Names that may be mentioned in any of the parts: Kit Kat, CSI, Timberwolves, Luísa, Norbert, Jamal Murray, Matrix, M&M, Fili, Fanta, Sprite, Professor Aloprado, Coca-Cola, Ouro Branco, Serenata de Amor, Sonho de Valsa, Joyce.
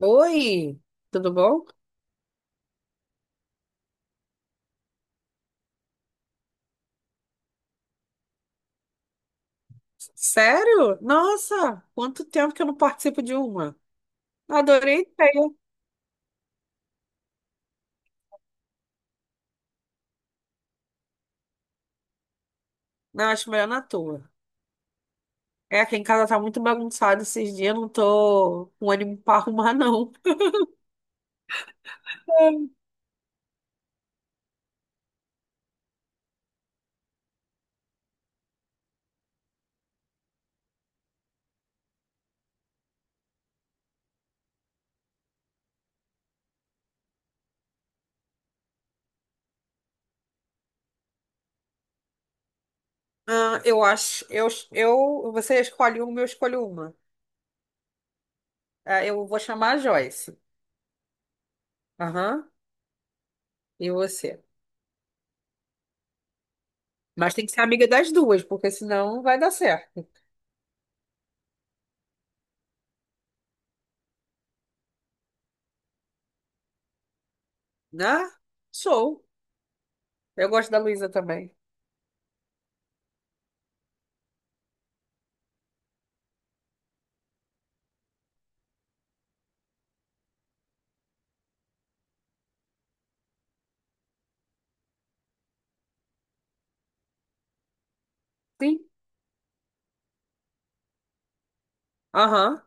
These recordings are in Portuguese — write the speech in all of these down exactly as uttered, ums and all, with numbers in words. Oi, tudo bom? Sério? Nossa, quanto tempo que eu não participo de uma. Adorei a ideia. Não, acho melhor na tua. É, aqui em casa tá muito bagunçado esses dias, não tô com ânimo pra arrumar, não. Ah, eu acho, eu, eu, você escolhe uma, eu escolho uma. Ah, eu vou chamar a Joyce. Aham, e você? Mas tem que ser amiga das duas, porque senão não vai dar certo. Né? Sou. Eu gosto da Luísa também. Sim. Aham.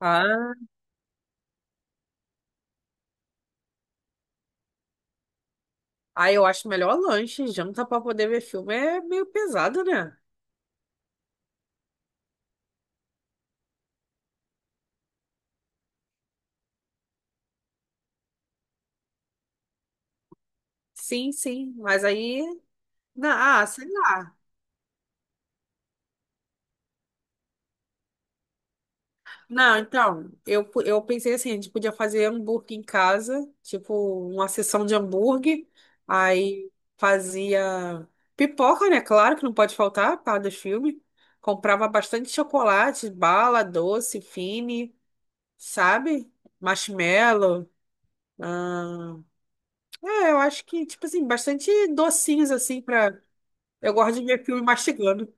Ah. Ah, eu acho melhor lanche. Janta pra poder ver filme é meio pesado, né? Sim, sim. Mas aí. na- ah, sei lá. Não, então, eu, pu- eu pensei assim: a gente podia fazer hambúrguer em casa, tipo, uma sessão de hambúrguer. Aí fazia pipoca, né? Claro que não pode faltar por causa dos filmes. Comprava bastante chocolate, bala, doce, fine, sabe? Marshmallow. Ah, é, eu acho que, tipo assim, bastante docinhos assim pra. Eu gosto de ver filme mastigando.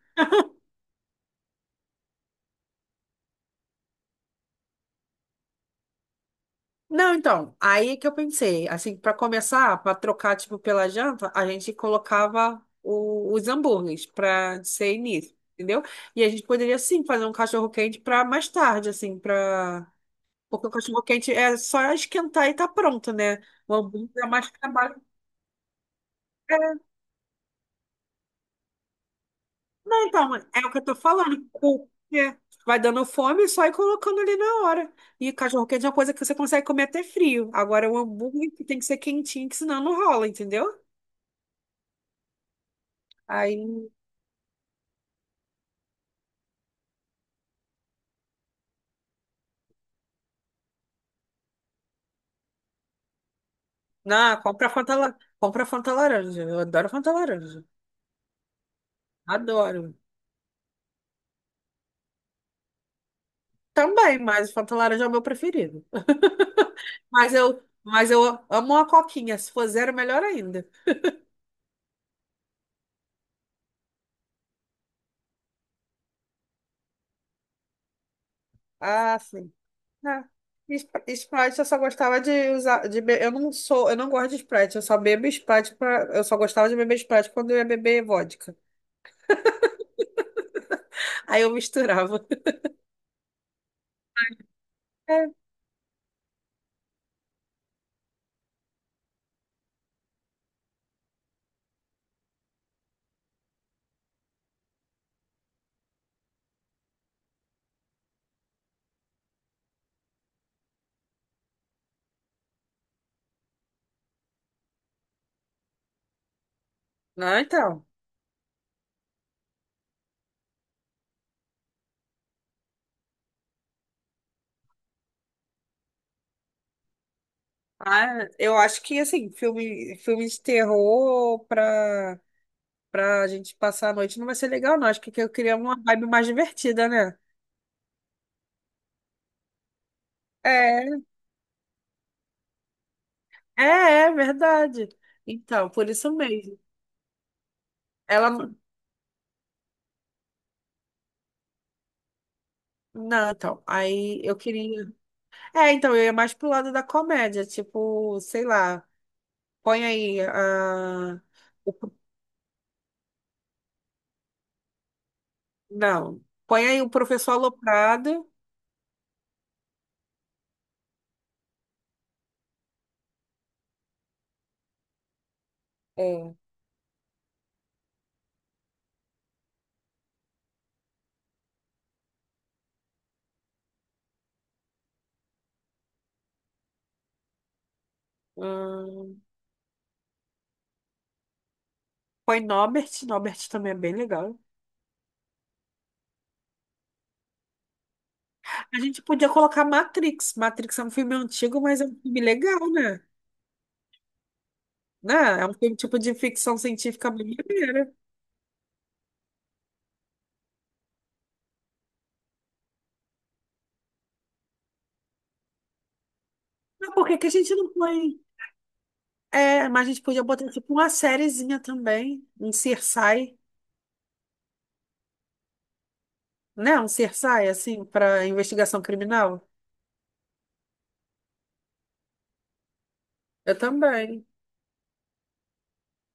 Não, então, aí que eu pensei, assim, para começar, para trocar, tipo, pela janta, a gente colocava o- os hambúrgueres para ser início, entendeu? E a gente poderia, sim, fazer um cachorro-quente para mais tarde, assim, para... Porque o cachorro-quente é só esquentar e tá pronto, né? O hambúrguer é mais trabalho. Não, então, é o que eu tô falando. Porque vai dando fome e só ir colocando ali na hora. E cachorro quente é uma coisa que você consegue comer até frio. Agora, o hambúrguer que tem que ser quentinho, que senão não rola, entendeu? Aí, não, compra Fanta, la- compra Fanta laranja. Eu adoro Fanta laranja. Adoro. Também, mas Fanta laranja é o meu preferido. Mas eu, mas eu amo uma coquinha. Se for zero, melhor ainda. Ah, sim. É. Sp- Sprite eu só gostava de usar, de be- eu não sou, eu não gosto de Sprite, eu só bebo Sprite pra, eu só gostava de beber Sprite quando eu ia beber vodka. Aí eu misturava. É. Não, então. Ah, eu acho que assim, filme, filme de terror pra, pra gente passar a noite não vai ser legal, não. Acho que eu queria uma vibe mais divertida, né? É, é, é verdade. Então, por isso mesmo. Ela não. Não, então. Aí eu queria. É, então, eu ia mais pro lado da comédia, tipo, sei lá, põe aí a... o... Não, põe aí o Professor Aloprado, é. hum, põe Norbert, Norbert também é bem legal. A gente podia colocar Matrix, Matrix é um filme antigo, mas é um filme legal, né? Né? É um filme tipo de ficção científica bem maneira. Mas por que que a gente não põe? É, mas a gente podia botar tipo uma sériezinha também, um C S I, né? Um C S I, assim, para investigação criminal. Eu também.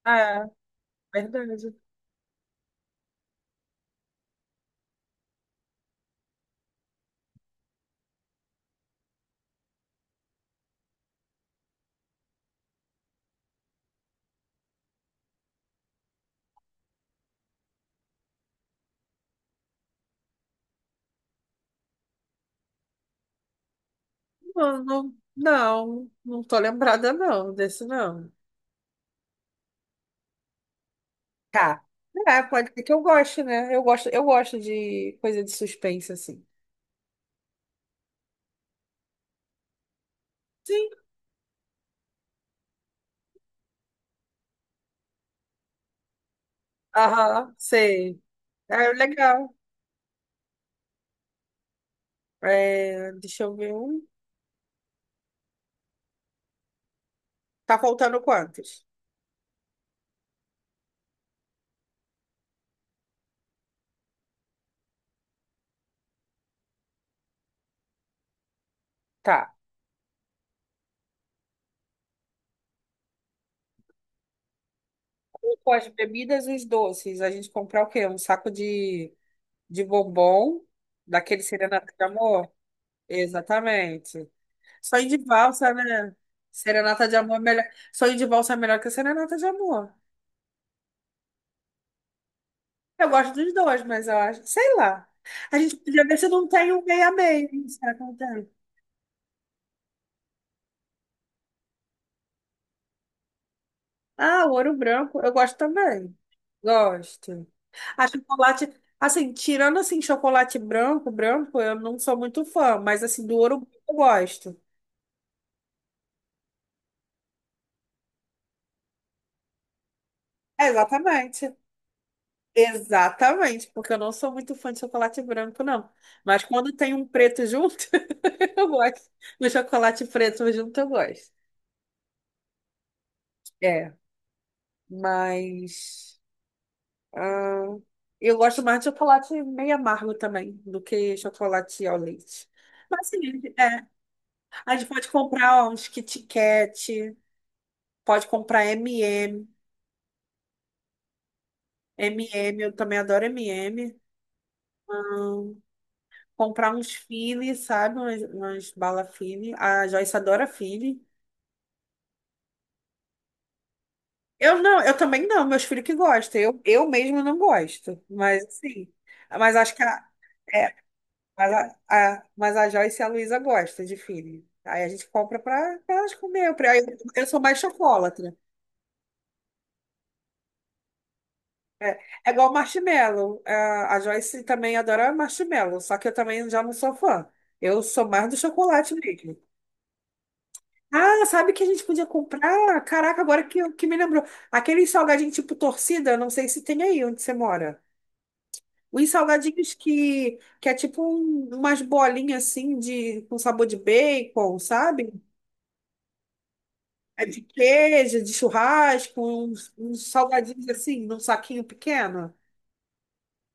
É, verdade. Não, não, não, não tô lembrada não, desse não. Tá. É, pode ser que eu goste, né? Eu gosto, eu gosto de coisa de suspense, assim. Sim. Aham, sei. É legal. É, deixa eu ver um. Tá faltando quantos? Tá. Com as bebidas e os doces, a gente comprar o quê? Um saco de, de bombom, daquele serenata de amor? Exatamente. Sonho de valsa, né? Serenata de amor é melhor. Sonho de valsa é melhor que serenata de amor. Eu gosto dos dois, mas eu acho, sei lá. A gente podia ver se não tem um meia meio. Será que não tem? Ah, o ouro branco, eu gosto também. Gosto. A chocolate, assim, tirando assim chocolate branco, branco, eu não sou muito fã, mas assim do ouro branco eu gosto. É, exatamente. Exatamente, porque eu não sou muito fã de chocolate branco, não. Mas quando tem um preto junto, eu gosto. No chocolate preto junto, eu gosto. É, mas. ah, eu gosto mais de chocolate meio amargo também do que chocolate ao leite. Mas sim, é, a gente pode comprar ó, uns Kit Kat, pode comprar M M. M M, eu também adoro M M. Comprar uns Fili, sabe? Umas, umas bala Fili. A Joyce adora Fili. Eu não, eu também não, meus filhos que gostam. Eu, eu mesmo não gosto, mas assim. Mas acho que a, é, mas a, a- mas a Joyce e a Luísa gostam de Fili. Aí a gente compra para elas comer. Pra- Eu, eu sou mais chocolatra. É, é igual marshmallow. A, a Joyce também adora marshmallow, só que eu também já não sou fã. Eu sou mais do chocolate mesmo. Ah, sabe que a gente podia comprar? Caraca, agora que, eu- que me lembrou. Aquele salgadinho tipo torcida, não sei se tem aí onde você mora. Os salgadinhos que, que é tipo um- umas bolinhas assim de, com sabor de bacon, sabe? É de queijo, de churrasco, uns, uns salgadinhos assim, num saquinho pequeno.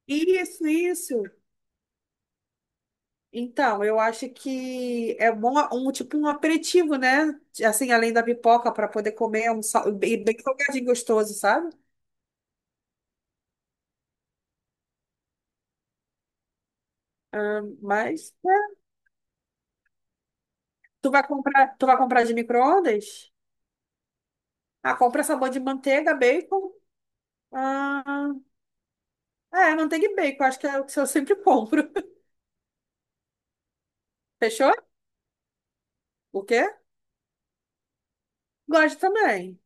Isso, isso. Então, eu acho que é bom a- um tipo um aperitivo, né? Assim, além da pipoca, para poder comer um sal- bem bem salgadinho gostoso, sabe? Mas é, tu vai comprar, tu vai comprar de micro-ondas? Ah, compra sabor de manteiga, bacon. Ah, é, manteiga e bacon, acho que é o que eu sempre compro. Fechou? O quê? Gosto também.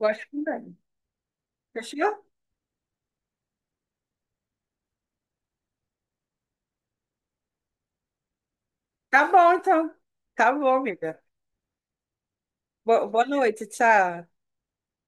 Gosto também. Fechou? Tá bom, então. Tá bom, amiga. Bo- boa noite, tchau.